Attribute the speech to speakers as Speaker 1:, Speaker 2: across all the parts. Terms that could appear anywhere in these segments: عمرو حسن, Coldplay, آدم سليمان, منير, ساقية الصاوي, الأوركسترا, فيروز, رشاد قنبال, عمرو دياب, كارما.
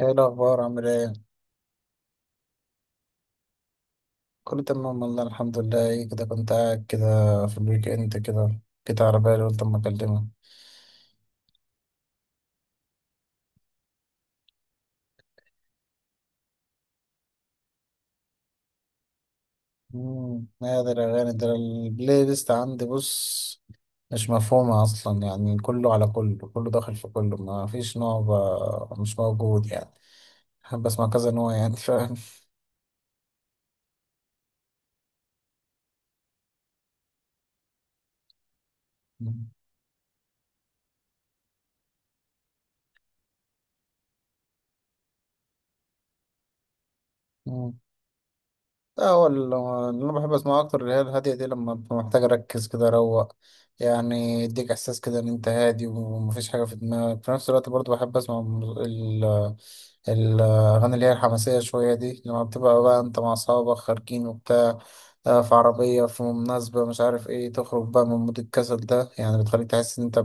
Speaker 1: ايه الاخبار؟ عامل ايه؟ كله تمام والله، الحمد لله. ايه كده، كنت قاعد كده في الويك اند كده، كده على بالي، قلت اما اكلمك. هذا الاغاني ده البلاي ليست عندي، بص مش مفهومه اصلا، يعني كله على كله، كله داخل في كله، ما فيش نوع، مش موجود يعني. بحب اسمع كذا نوع، يعني فاهم. مم. لا هو ال- اللي انا بحب اسمعه اكتر اللي هي الهاديه دي، لما ببقى محتاج اركز كده اروق، يعني يديك احساس كده ان انت هادي ومفيش حاجه في دماغك. في نفس الوقت برضو بحب اسمع الاغاني اللي هي الحماسيه شويه دي، لما بتبقى بقى انت مع اصحابك خارجين وبتاع، في عربيه، في مناسبه، مش عارف ايه، تخرج بقى من مود الكسل ده، يعني بتخليك تحس ان انت،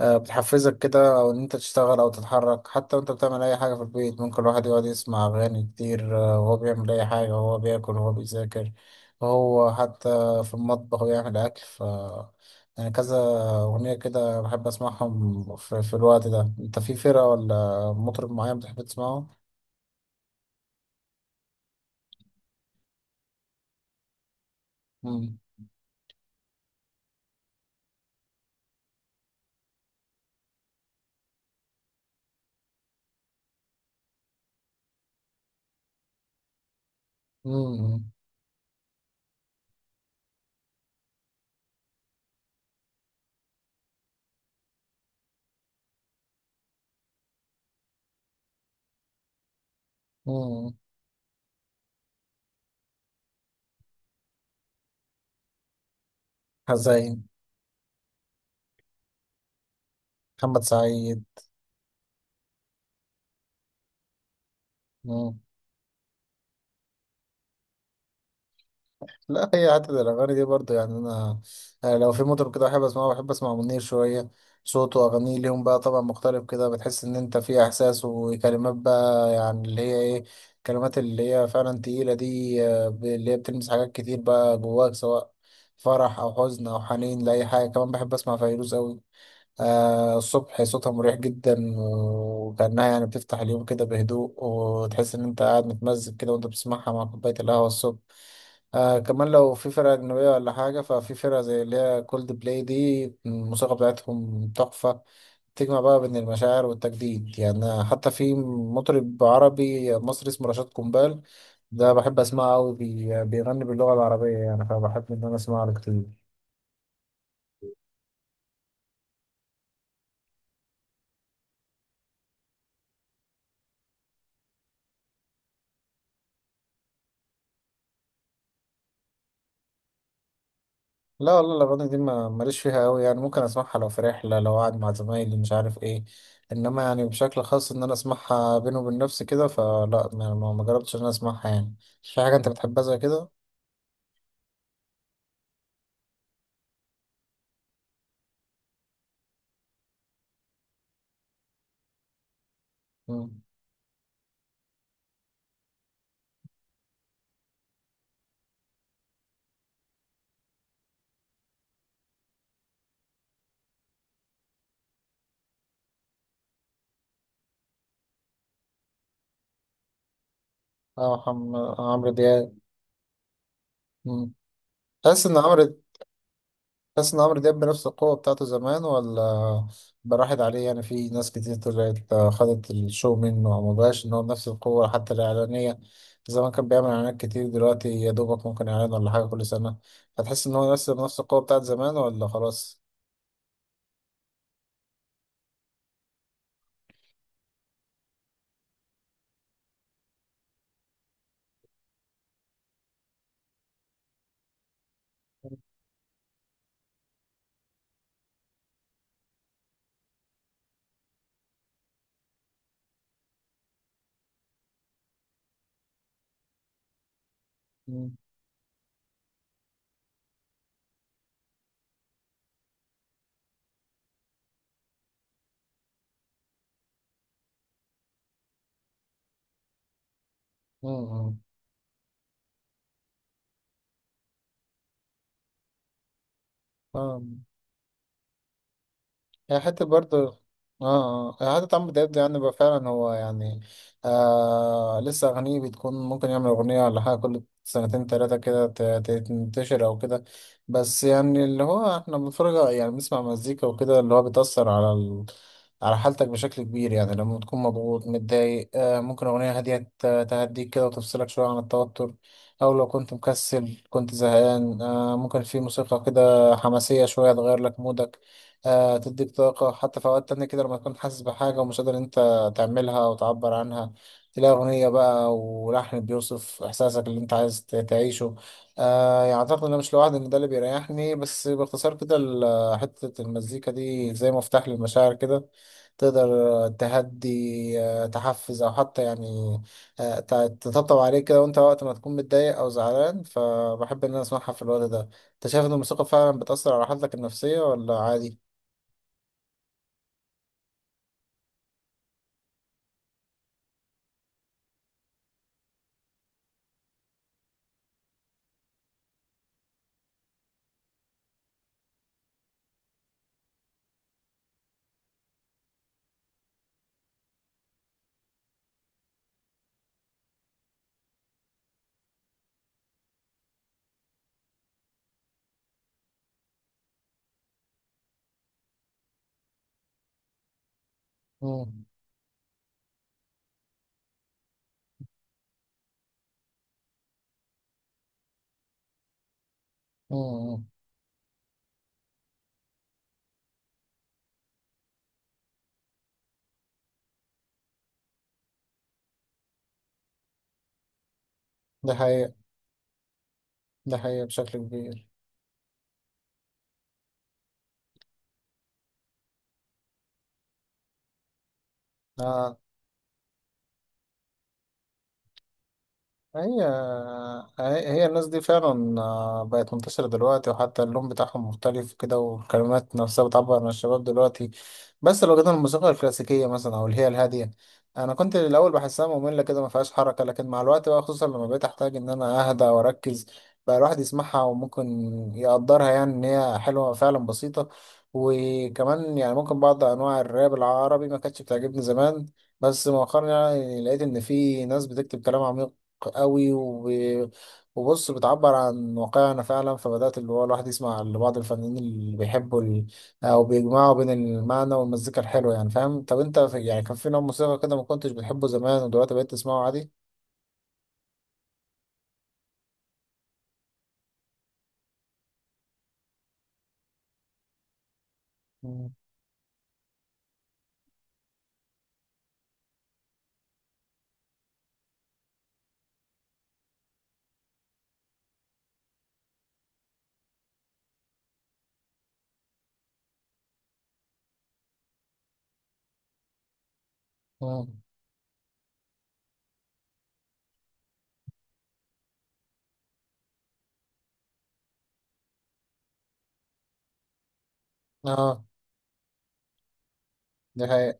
Speaker 1: بتحفزك كده، او ان انت تشتغل او تتحرك. حتى وانت بتعمل اي حاجه في البيت، ممكن الواحد يقعد يسمع اغاني كتير، وهو بيعمل اي حاجه، وهو بياكل، وهو بيذاكر، وهو حتى في المطبخ بيعمل اكل. ف يعني كذا اغنيه كده بحب اسمعهم في الوقت ده. انت في فرقه ولا مطرب معين بتحب تسمعه؟ امم. امم. امم. زي محمد سعيد. لا، هي حتة الأغاني دي برضه يعني أنا، لو في مطرب كده بحب أسمعه، بحب أسمع منير شوية. صوته وأغانيه ليهم بقى طبعا مختلف كده، بتحس إن أنت في إحساس وكلمات، بقى يعني اللي هي إيه، الكلمات اللي هي فعلا تقيلة دي، اللي هي بتلمس حاجات كتير بقى جواك، سواء فرح أو حزن أو حنين لأي حاجة. كمان بحب أسمع فيروز أوي، آه، الصبح. صوتها مريح جدا، وكأنها يعني بتفتح اليوم كده بهدوء، وتحس إن أنت قاعد متمزج كده وأنت بتسمعها مع كوباية القهوة الصبح. آه كمان، لو في فرقة أجنبية ولا حاجة، ففي فرقة زي اللي هي كولد بلاي دي، الموسيقى بتاعتهم تحفة، تجمع بقى بين المشاعر والتجديد. يعني حتى في مطرب عربي مصري اسمه رشاد قنبال، ده بحب أسمعه أوي، بيغني باللغة العربية، يعني فبحب إن أنا أسمعه له كتير. لا والله الأغاني دي ماليش فيها أوي، يعني ممكن أسمعها لو في رحلة، لو قاعد مع زمايلي، مش عارف إيه. إنما يعني بشكل خاص إن أنا أسمعها بيني وبين نفسي كده، فلا، ما جربتش إن أنا أسمعها يعني. في حاجة أنت بتحبها زي كده؟ مم. اه محمد عمرو دياب. مم. تحس ان عمرو تحس ان عمرو دياب بنفس القوة بتاعته زمان ولا براحت عليه؟ يعني في ناس كتير طلعت، خدت الشو منه، وما بقاش ان هو بنفس القوة. حتى الإعلانية، زمان كان بيعمل إعلانات كتير، دلوقتي يا دوبك ممكن إعلان ولا حاجة كل سنة. هتحس ان هو نفس بنفس القوة بتاعت زمان ولا خلاص؟ مم. مم. مم. آه. هي حتة برضه، اه اه هي حتة عمرو دياب ده، يعني بقى فعلا هو يعني، آه لسه أغانيه بتكون، ممكن يعمل أغنية ولا حاجة كل سنتين تلاتة كده تنتشر أو كده. بس يعني اللي هو احنا بنتفرج، يعني بنسمع مزيكا وكده، اللي هو بتأثر على ال، على حالتك بشكل كبير. يعني لما تكون مضغوط متضايق، آه ممكن أغنية هادية تهديك كده وتفصلك شوية عن التوتر. أو لو كنت مكسل كنت زهقان، آه ممكن في موسيقى كده حماسية شوية تغير لك مودك، تديك طاقة. حتى في أوقات تانية كده لما تكون حاسس بحاجة ومش قادر أنت تعملها وتعبر عنها، تلاقي أغنية بقى ولحن بيوصف إحساسك اللي أنت عايز تعيشه. آه يعني أعتقد إن أنا مش لوحدي إن ده اللي بيريحني. بس باختصار كده حتة المزيكا دي زي مفتاح للمشاعر كده، تقدر تهدي، تحفز، أو حتى يعني، آه، ت- تطبطب عليك كده، وأنت وقت ما تكون متضايق أو زعلان فبحب إن أنا أسمعها في الوقت ده. أنت شايف إن الموسيقى فعلا بتأثر على حالتك النفسية ولا عادي؟ مم. مم. ده حقيقة. ده حقيقة بشكل كبير. آه. هي هي هي الناس دي فعلا، بقت منتشرة دلوقتي، وحتى اللون بتاعهم مختلف كده، والكلمات نفسها بتعبر عن الشباب دلوقتي. بس لو جينا الموسيقى الكلاسيكية مثلا، أو اللي هي الهادية، أنا كنت الأول بحسها مملة كده، ما فيهاش حركة، لكن مع الوقت بقى، خصوصا لما بقيت أحتاج إن أنا أهدى وأركز، بقى الواحد يسمعها وممكن يقدرها، يعني إن هي حلوة فعلا بسيطة. وكمان يعني ممكن بعض أنواع الراب العربي ما كانتش بتعجبني زمان، بس مؤخرا يعني لقيت إن في ناس بتكتب كلام عميق قوي، وبص بتعبر عن واقعنا فعلا، فبدأت اللي هو الواحد يسمع لبعض الفنانين اللي بيحبوا ال، أو بيجمعوا بين المعنى والمزيكا الحلوة، يعني فاهم. طب أنت في، يعني كان في نوع موسيقى كده ما كنتش بتحبه زمان ودلوقتي بقيت تسمعه عادي؟ مم. مم. اه، ده حقيقة.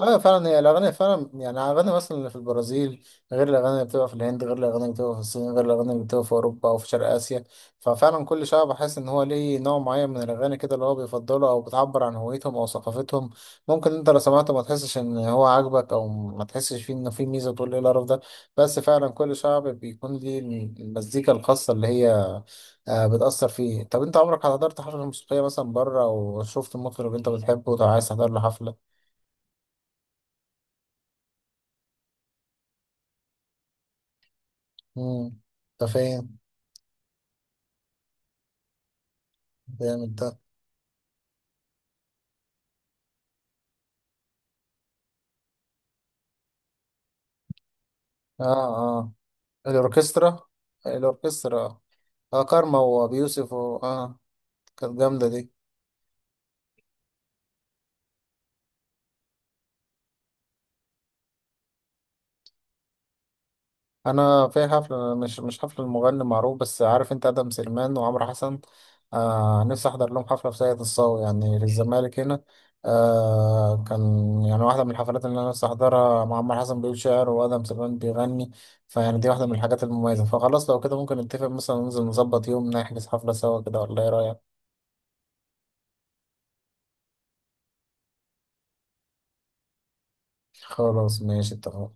Speaker 1: اه فعلا هي الاغاني، فعلا يعني الاغاني مثلا اللي في البرازيل غير الاغاني اللي بتبقى في الهند، غير الاغاني اللي بتبقى في الصين، غير الاغاني اللي بتبقى في اوروبا او في شرق اسيا. ففعلا كل شعب بحس ان هو ليه نوع معين من الاغاني كده اللي هو بيفضله، او بتعبر عن هويتهم او ثقافتهم. ممكن انت لو سمعته ما تحسش ان هو عاجبك، او ما تحسش فيه ان فيه ميزه، تقول ايه القرف ده، بس فعلا كل شعب بيكون ليه المزيكا الخاصه اللي هي، بتأثر فيه. طب انت عمرك حضرت حفلة موسيقية مثلا بره وشفت المطرب اللي انت بتحبه وعايز تحضر له حفلة؟ امم. انت فاهم. جامد ده. اه اه، الاوركسترا، الاوركسترا، اه كارما وابي يوسف و، اه كانت جامده دي. انا في حفله، مش مش حفله، المغني معروف بس، عارف انت ادم سليمان وعمرو حسن، آه نفسي احضر لهم حفله في ساقية الصاوي يعني في الزمالك هنا. آه كان، يعني واحده من الحفلات اللي انا نفسي احضرها، مع عمرو حسن بيقول شعر وادم سليمان بيغني، فيعني دي واحده من الحاجات المميزه. فخلاص لو كده ممكن نتفق مثلا، ننزل نظبط يوم نحجز حفله سوا كده، ولا ايه رايك؟ خلاص، ماشي، اتفقنا.